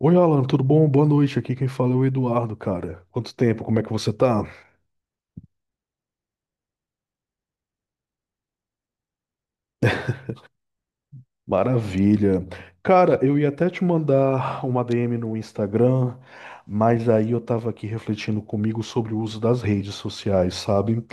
Oi, Alan, tudo bom? Boa noite. Aqui quem fala é o Eduardo, cara. Quanto tempo? Como é que você tá? Maravilha. Cara, eu ia até te mandar uma DM no Instagram, mas aí eu tava aqui refletindo comigo sobre o uso das redes sociais, sabe?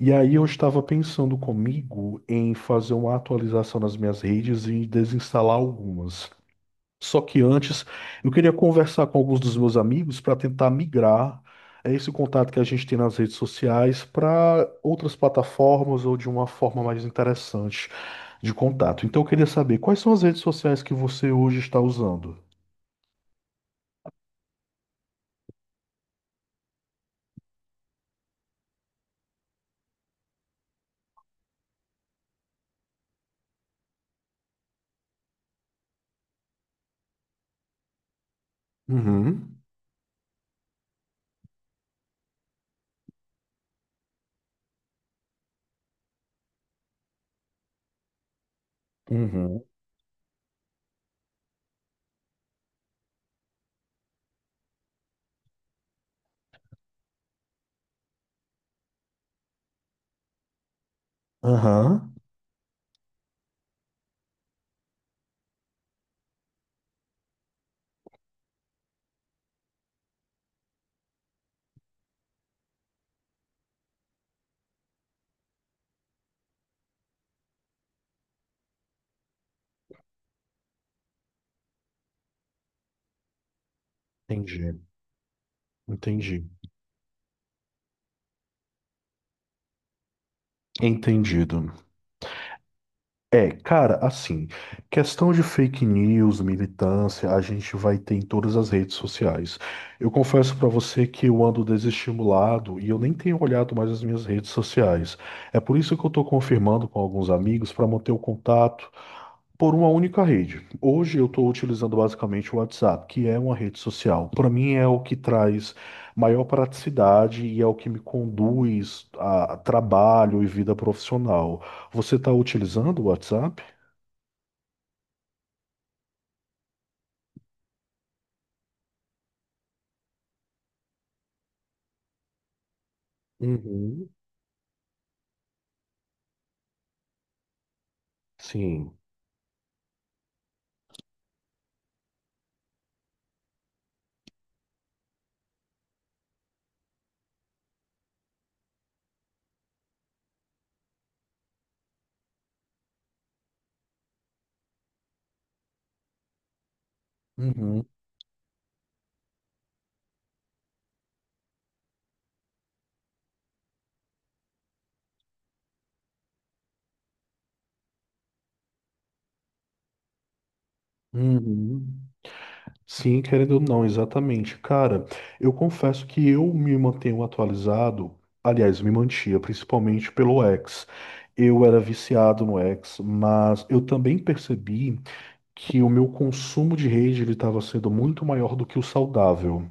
E aí eu estava pensando comigo em fazer uma atualização nas minhas redes e desinstalar algumas. Só que antes, eu queria conversar com alguns dos meus amigos para tentar migrar esse contato que a gente tem nas redes sociais para outras plataformas ou de uma forma mais interessante de contato. Então, eu queria saber quais são as redes sociais que você hoje está usando? Uhum. Uhum. Aham. Entendi. Entendi. Entendido. É, cara, assim, questão de fake news, militância, a gente vai ter em todas as redes sociais. Eu confesso pra você que eu ando desestimulado e eu nem tenho olhado mais as minhas redes sociais. É por isso que eu tô confirmando com alguns amigos pra manter o contato por uma única rede. Hoje eu tô utilizando basicamente o WhatsApp, que é uma rede social. Pra mim é o que traz maior praticidade e é o que me conduz a trabalho e vida profissional. Você está utilizando o WhatsApp? Uhum. Sim. Uhum, uhum. Sim, querendo ou não, exatamente. Cara, eu confesso que eu me mantenho atualizado, aliás, me mantinha, principalmente pelo X. Eu era viciado no X, mas eu também percebi que o meu consumo de rede ele estava sendo muito maior do que o saudável.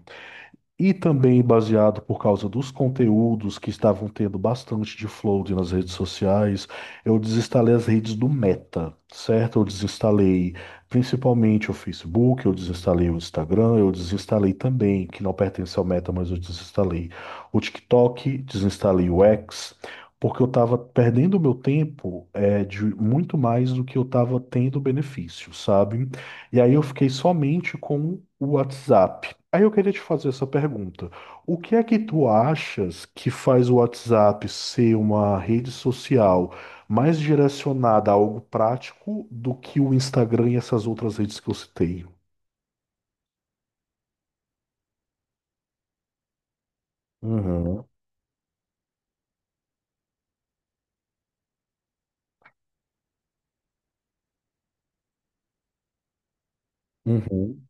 E também baseado por causa dos conteúdos que estavam tendo bastante de flood nas redes sociais, eu desinstalei as redes do Meta, certo? Eu desinstalei principalmente o Facebook, eu desinstalei o Instagram, eu desinstalei também, que não pertence ao Meta, mas eu desinstalei o TikTok, desinstalei o X, porque eu estava perdendo o meu tempo de muito mais do que eu estava tendo benefício, sabe? E aí eu fiquei somente com o WhatsApp. Aí eu queria te fazer essa pergunta. O que é que tu achas que faz o WhatsApp ser uma rede social mais direcionada a algo prático do que o Instagram e essas outras redes que eu citei? Uhum, uhum,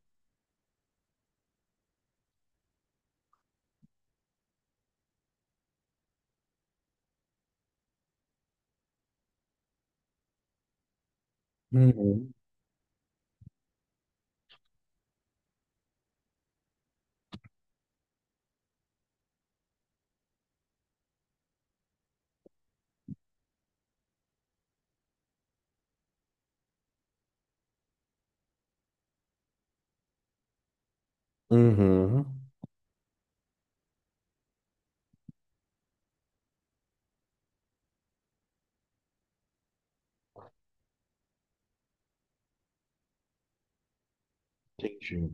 uhum, uhum, Entendi.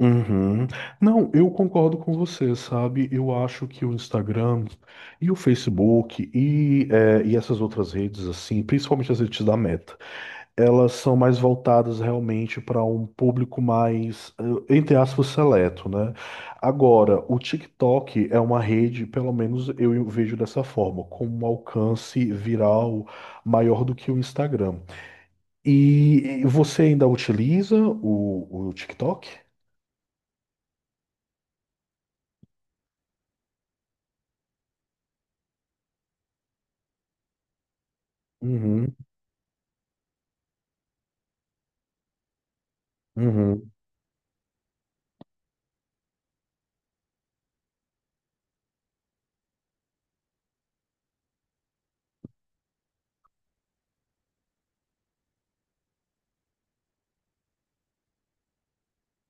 Uhum. Não, eu concordo com você, sabe? Eu acho que o Instagram e o Facebook e essas outras redes, assim, principalmente as redes da Meta. Elas são mais voltadas realmente para um público mais, entre aspas, seleto, né? Agora, o TikTok é uma rede, pelo menos eu vejo dessa forma, com um alcance viral maior do que o Instagram. E você ainda utiliza o TikTok? Uhum, uhum,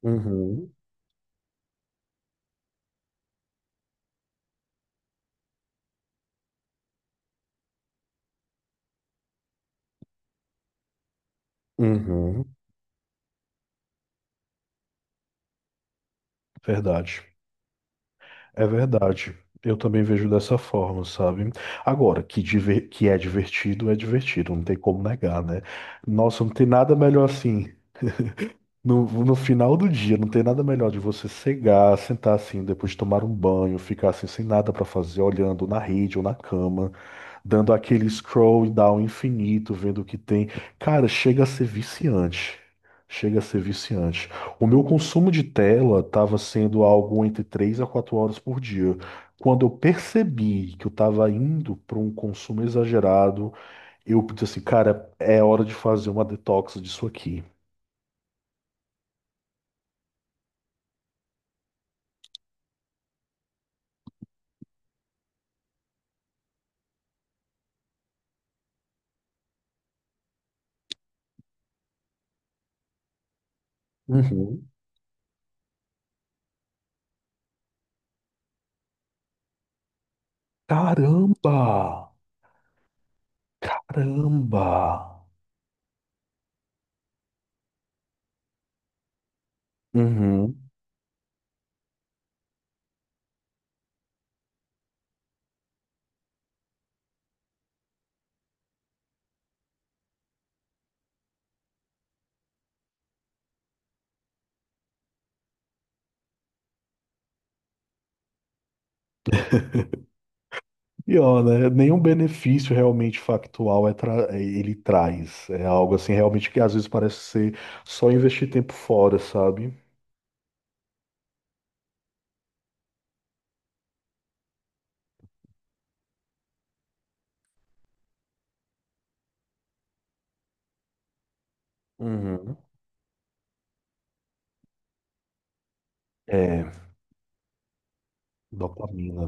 uhum, uhum. Verdade. É verdade. Eu também vejo dessa forma, sabe? Agora, que é divertido, não tem como negar, né? Nossa, não tem nada melhor assim no final do dia, não tem nada melhor de você cegar, sentar assim, depois de tomar um banho, ficar assim sem nada pra fazer, olhando na rede ou na cama, dando aquele scroll down infinito, vendo o que tem. Cara, chega a ser viciante. Chega a ser viciante. O meu consumo de tela estava sendo algo entre 3 a 4 horas por dia. Quando eu percebi que eu estava indo para um consumo exagerado, eu disse assim, cara, é hora de fazer uma detox disso aqui. Uhum. Caramba! Caramba! Uhum. E ó, né? Nenhum benefício realmente factual ele traz. É algo assim realmente que às vezes parece ser só investir tempo fora, sabe? Uhum. É, dopamina.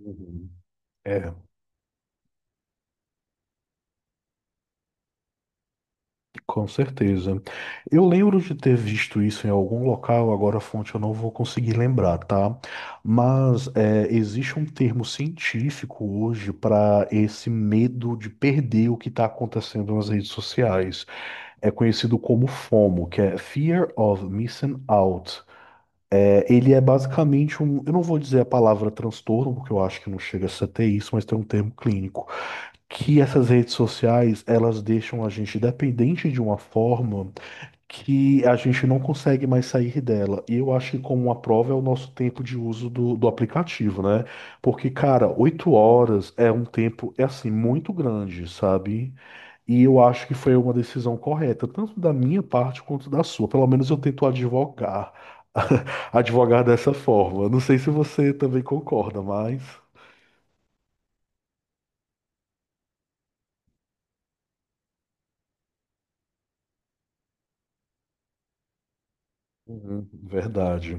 Uhum. É. Com certeza. Eu lembro de ter visto isso em algum local, agora a fonte eu não vou conseguir lembrar, tá? Mas é, existe um termo científico hoje para esse medo de perder o que está acontecendo nas redes sociais. É conhecido como FOMO, que é Fear of Missing Out. É, ele é basicamente um, eu não vou dizer a palavra transtorno, porque eu acho que não chega a ser até isso, mas tem um termo clínico, que essas redes sociais, elas deixam a gente dependente de uma forma que a gente não consegue mais sair dela. E eu acho que como uma prova é o nosso tempo de uso do aplicativo, né? Porque, cara, 8 horas é um tempo, é assim, muito grande, sabe? E eu acho que foi uma decisão correta, tanto da minha parte quanto da sua. Pelo menos eu tento advogar, advogar dessa forma. Não sei se você também concorda, mas... Uhum, verdade.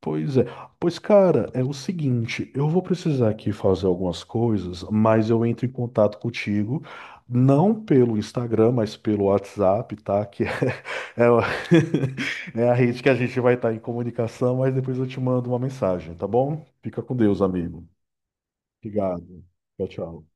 Pois é. Pois, cara, é o seguinte, eu vou precisar aqui fazer algumas coisas, mas eu entro em contato contigo, não pelo Instagram, mas pelo WhatsApp, tá? É, o- é a rede que a gente vai estar em comunicação, mas depois eu te mando uma mensagem, tá bom? Fica com Deus, amigo. Obrigado. Tchau, tchau.